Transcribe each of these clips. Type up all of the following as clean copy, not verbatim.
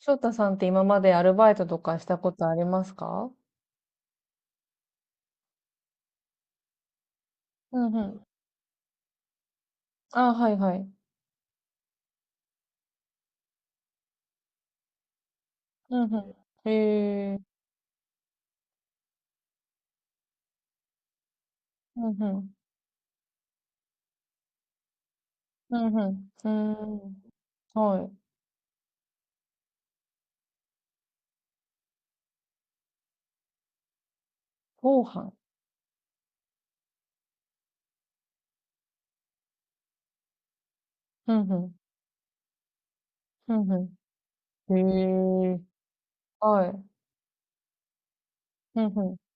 翔太さんって今までアルバイトとかしたことありますか？うんうん。ああ、はいはい。うんうん。へえ。うんうん。うんうん。うーん。はい。ご飯。うんうん。うんうん。へえ。はい。うんうん。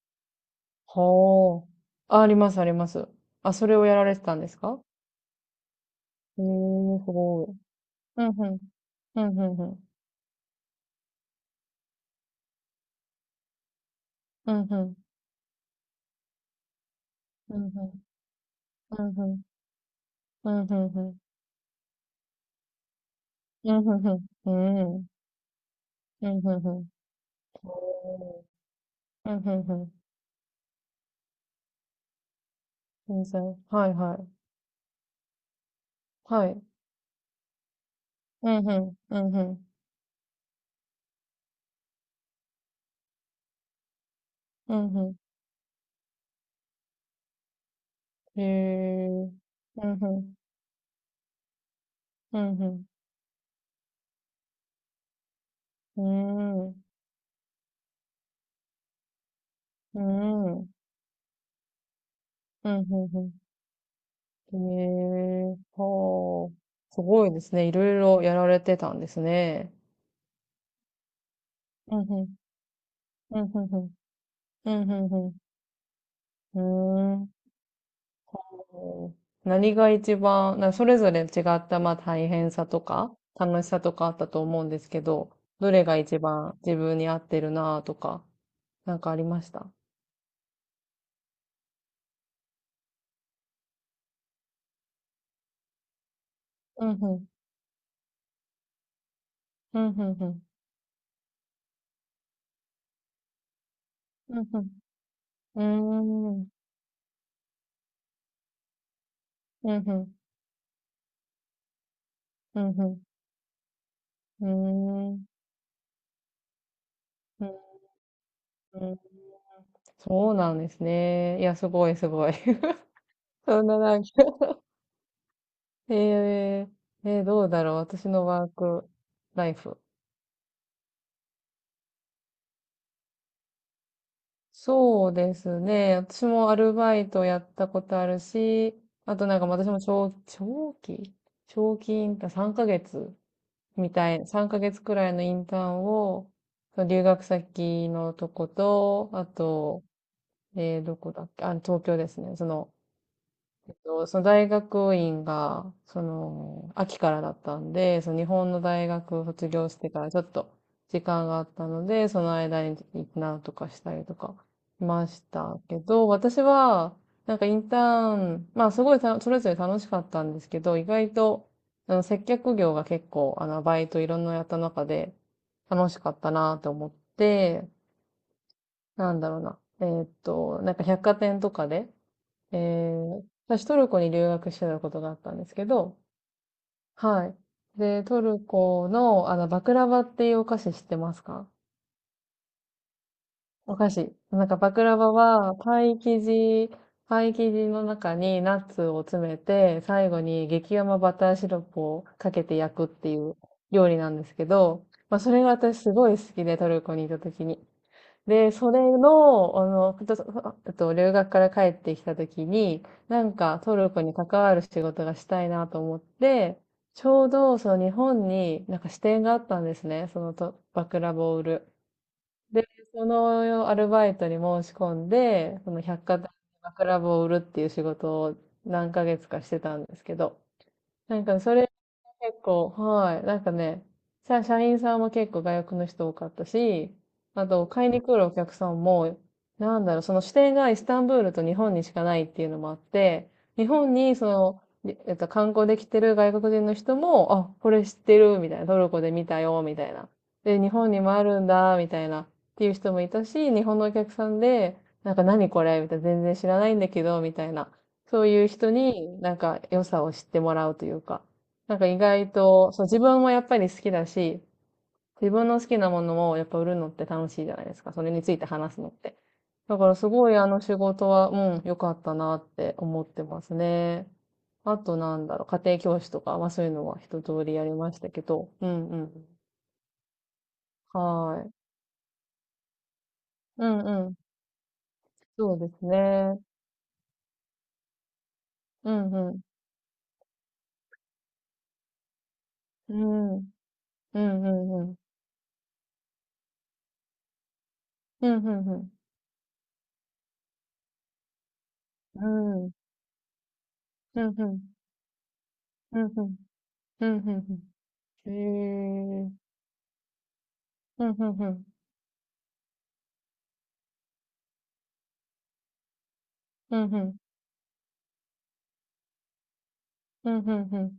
はあ。ありますあります。あ、それをやられてたんですか？へえ、すごい。うんうん。うんうんうん。うんうん。うんうん。うんうん。うんうんうん。うんうんうん。うんうんうん。うんうんうん。おーうんうんうん。全然。はいはい。はい。うんうん。うんうん。うんうん。へえ。うんうん。うんうん。うーん。うーん。うんうんうん。へえうんうんうんうんうーんうんうんうんうんへえほう。すごいですね。いろいろやられてたんですね。うんうん。うんうんうん。うんうんうん。うーん。こう何が一番、それぞれ違ったまあ大変さとか楽しさとかあったと思うんですけど、どれが一番自分に合ってるなとか、なんかありました？うんうん。うんうんうん。うんうん。うーん。うんうん。うんうん。うーん。うんうん。そうなんですね。いや、すごいすごい。そんななんか、えどうだろう。私のワークライフ。そうですね。私もアルバイトやったことあるし、あとなんか私も長期インターン、3ヶ月みたい、3ヶ月くらいのインターンを、その留学先のとこと、あと、どこだっけ、あ、東京ですね。その、その大学院が、その、秋からだったんで、その日本の大学を卒業してからちょっと時間があったので、その間になんとかしたりとかしましたけど、私は、なんかインターン、まあすごいそれぞれ楽しかったんですけど、意外と、接客業が結構、バイトいろんなやった中で楽しかったなと思って、なんだろうな。なんか百貨店とかで、私トルコに留学してたことがあったんですけど、はい。で、トルコの、バクラバっていうお菓子知ってますか？お菓子。なんかバクラバは、パイ生地、パイ生地の中にナッツを詰めて、最後に激甘バターシロップをかけて焼くっていう料理なんですけど、まあ、それが私すごい好きで、トルコにいた時に。で、それの、あの、ふとそあえっと、留学から帰ってきたときに、なんかトルコに関わる仕事がしたいなと思って、ちょうどその日本になんか支店があったんですね、そのと、バクラボを売ル。で、そのアルバイトに申し込んで、その百貨店でバクラボを売るっていう仕事を何ヶ月かしてたんですけど、なんかそれ結構、はい。なんかね、社員さんも結構外国の人多かったし、あと、買いに来るお客さんも、なんだろう、その支店がイスタンブールと日本にしかないっていうのもあって、日本にその、りえっと、観光できてる外国人の人も、あ、これ知ってる、みたいな、トルコで見たよ、みたいな。で、日本にもあるんだ、みたいな、っていう人もいたし、日本のお客さんで、なんか何これ、みたいな、全然知らないんだけど、みたいな。そういう人になんか良さを知ってもらうというか、なんか意外と、そう、自分もやっぱり好きだし、自分の好きなものをやっぱ売るのって楽しいじゃないですか。それについて話すのって。だからすごいあの仕事は、うん、良かったなって思ってますね。あとなんだろう、家庭教師とか、まあそういうのは一通りやりましたけど、うんうん。はーい。うんうん。そうですね。うんうん。うん。うんうんうん。うんうんうん。うん。うんうん。うんうん。うんうんうん。へえ。うんうんうん。うん、うん。うん、うんうん。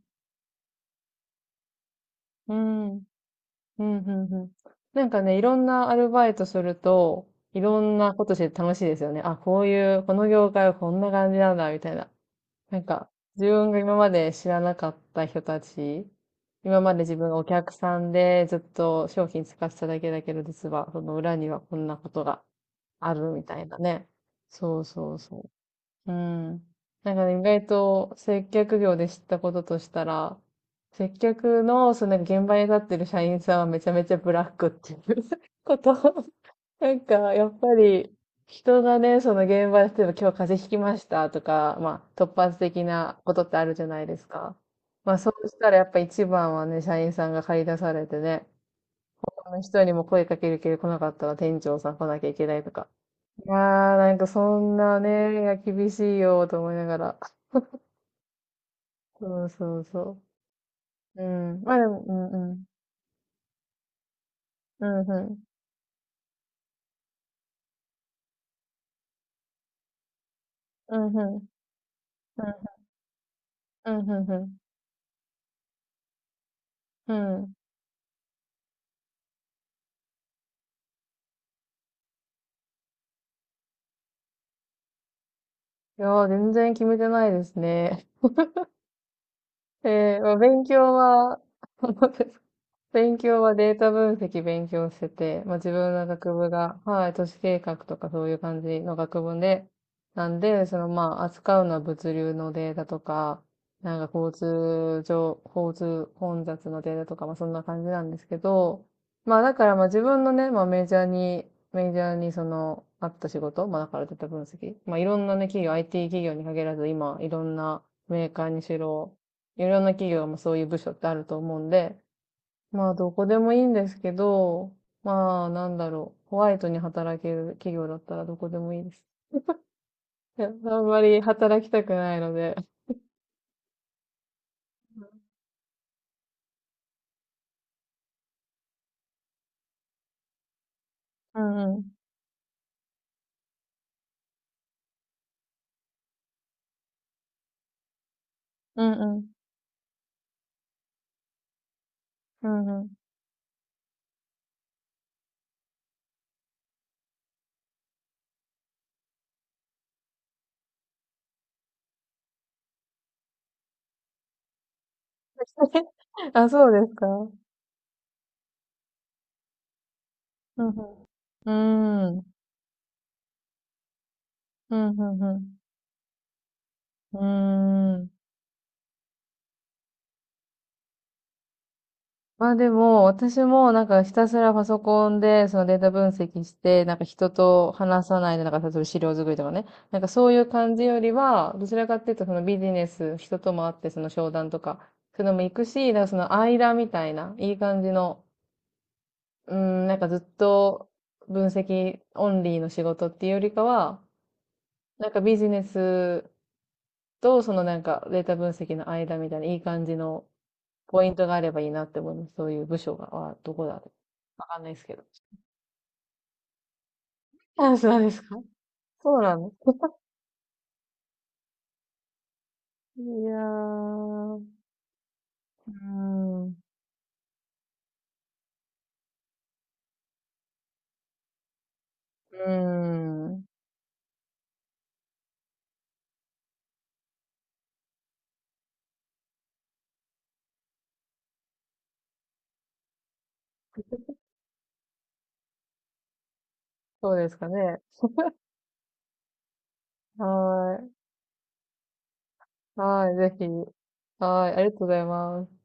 うん、うん、うんうん。なんかね、いろんなアルバイトすると、いろんなことして楽しいですよね。あ、こういう、この業界はこんな感じなんだ、みたいな。なんか、自分が今まで知らなかった人たち、今まで自分がお客さんでずっと商品使ってただけだけど、実は、その裏にはこんなことがあるみたいなね。そうそうそう。うん。なんかね、意外と接客業で知ったこととしたら、接客の、そのなんか現場に立ってる社員さんはめちゃめちゃブラックっていう こと。なんか、やっぱり、人がね、その現場で、例えば今日風邪ひきましたとか、まあ、突発的なことってあるじゃないですか。まあ、そうしたらやっぱ一番はね、社員さんが駆り出されてね、この人にも声かけるけど来なかったら店長さん来なきゃいけないとか。いやー、なんかそんなね、いや厳しいよと思いながら。そうそうそう。うん。まあでも、うんうん。うんうん。うんうん。うんうんうん。うん。うん。いやー、全然決めてないですね。えー、まあ勉強は、勉強はデータ分析勉強してて、まあ、自分の学部が、はい、都市計画とかそういう感じの学部で、なんで、そのまあ、扱うのは物流のデータとか、なんか交通混雑のデータとか、まあ、そんな感じなんですけど、まあ、だからまあ、自分のね、まあ、メジャーにその、あった仕事、まあ、だからデータ分析、まあ、いろんなね、企業、IT 企業に限らず、今、いろんなメーカーにしろ、いろんな企業もそういう部署ってあると思うんで、まあ、どこでもいいんですけど、まあ、なんだろう。ホワイトに働ける企業だったらどこでもいいです。いや、あんまり働きたくないので。うんうん。うんうん。うんうん。あ、そうですか。うんうん。うーん。うんうんうん。うーん。まあでも、私もなんかひたすらパソコンでそのデータ分析して、なんか人と話さないで、なんか例えば資料作りとかね、なんかそういう感じよりは、どちらかっていうとそのビジネス、人とも会ってその商談とか、そういうのも行くし、なんかその間みたいな、いい感じの、うん、なんかずっと分析オンリーの仕事っていうよりかは、なんかビジネスとそのなんかデータ分析の間みたいな、いい感じのポイントがあればいいなって思います。そういう部署が、はどこだろう。わかんないですけど。あ、そうですか。そうなんです。いやー、うーん、うーん、そうですかね。はーい。はーい、ぜひ。はーい、ありがとうございます。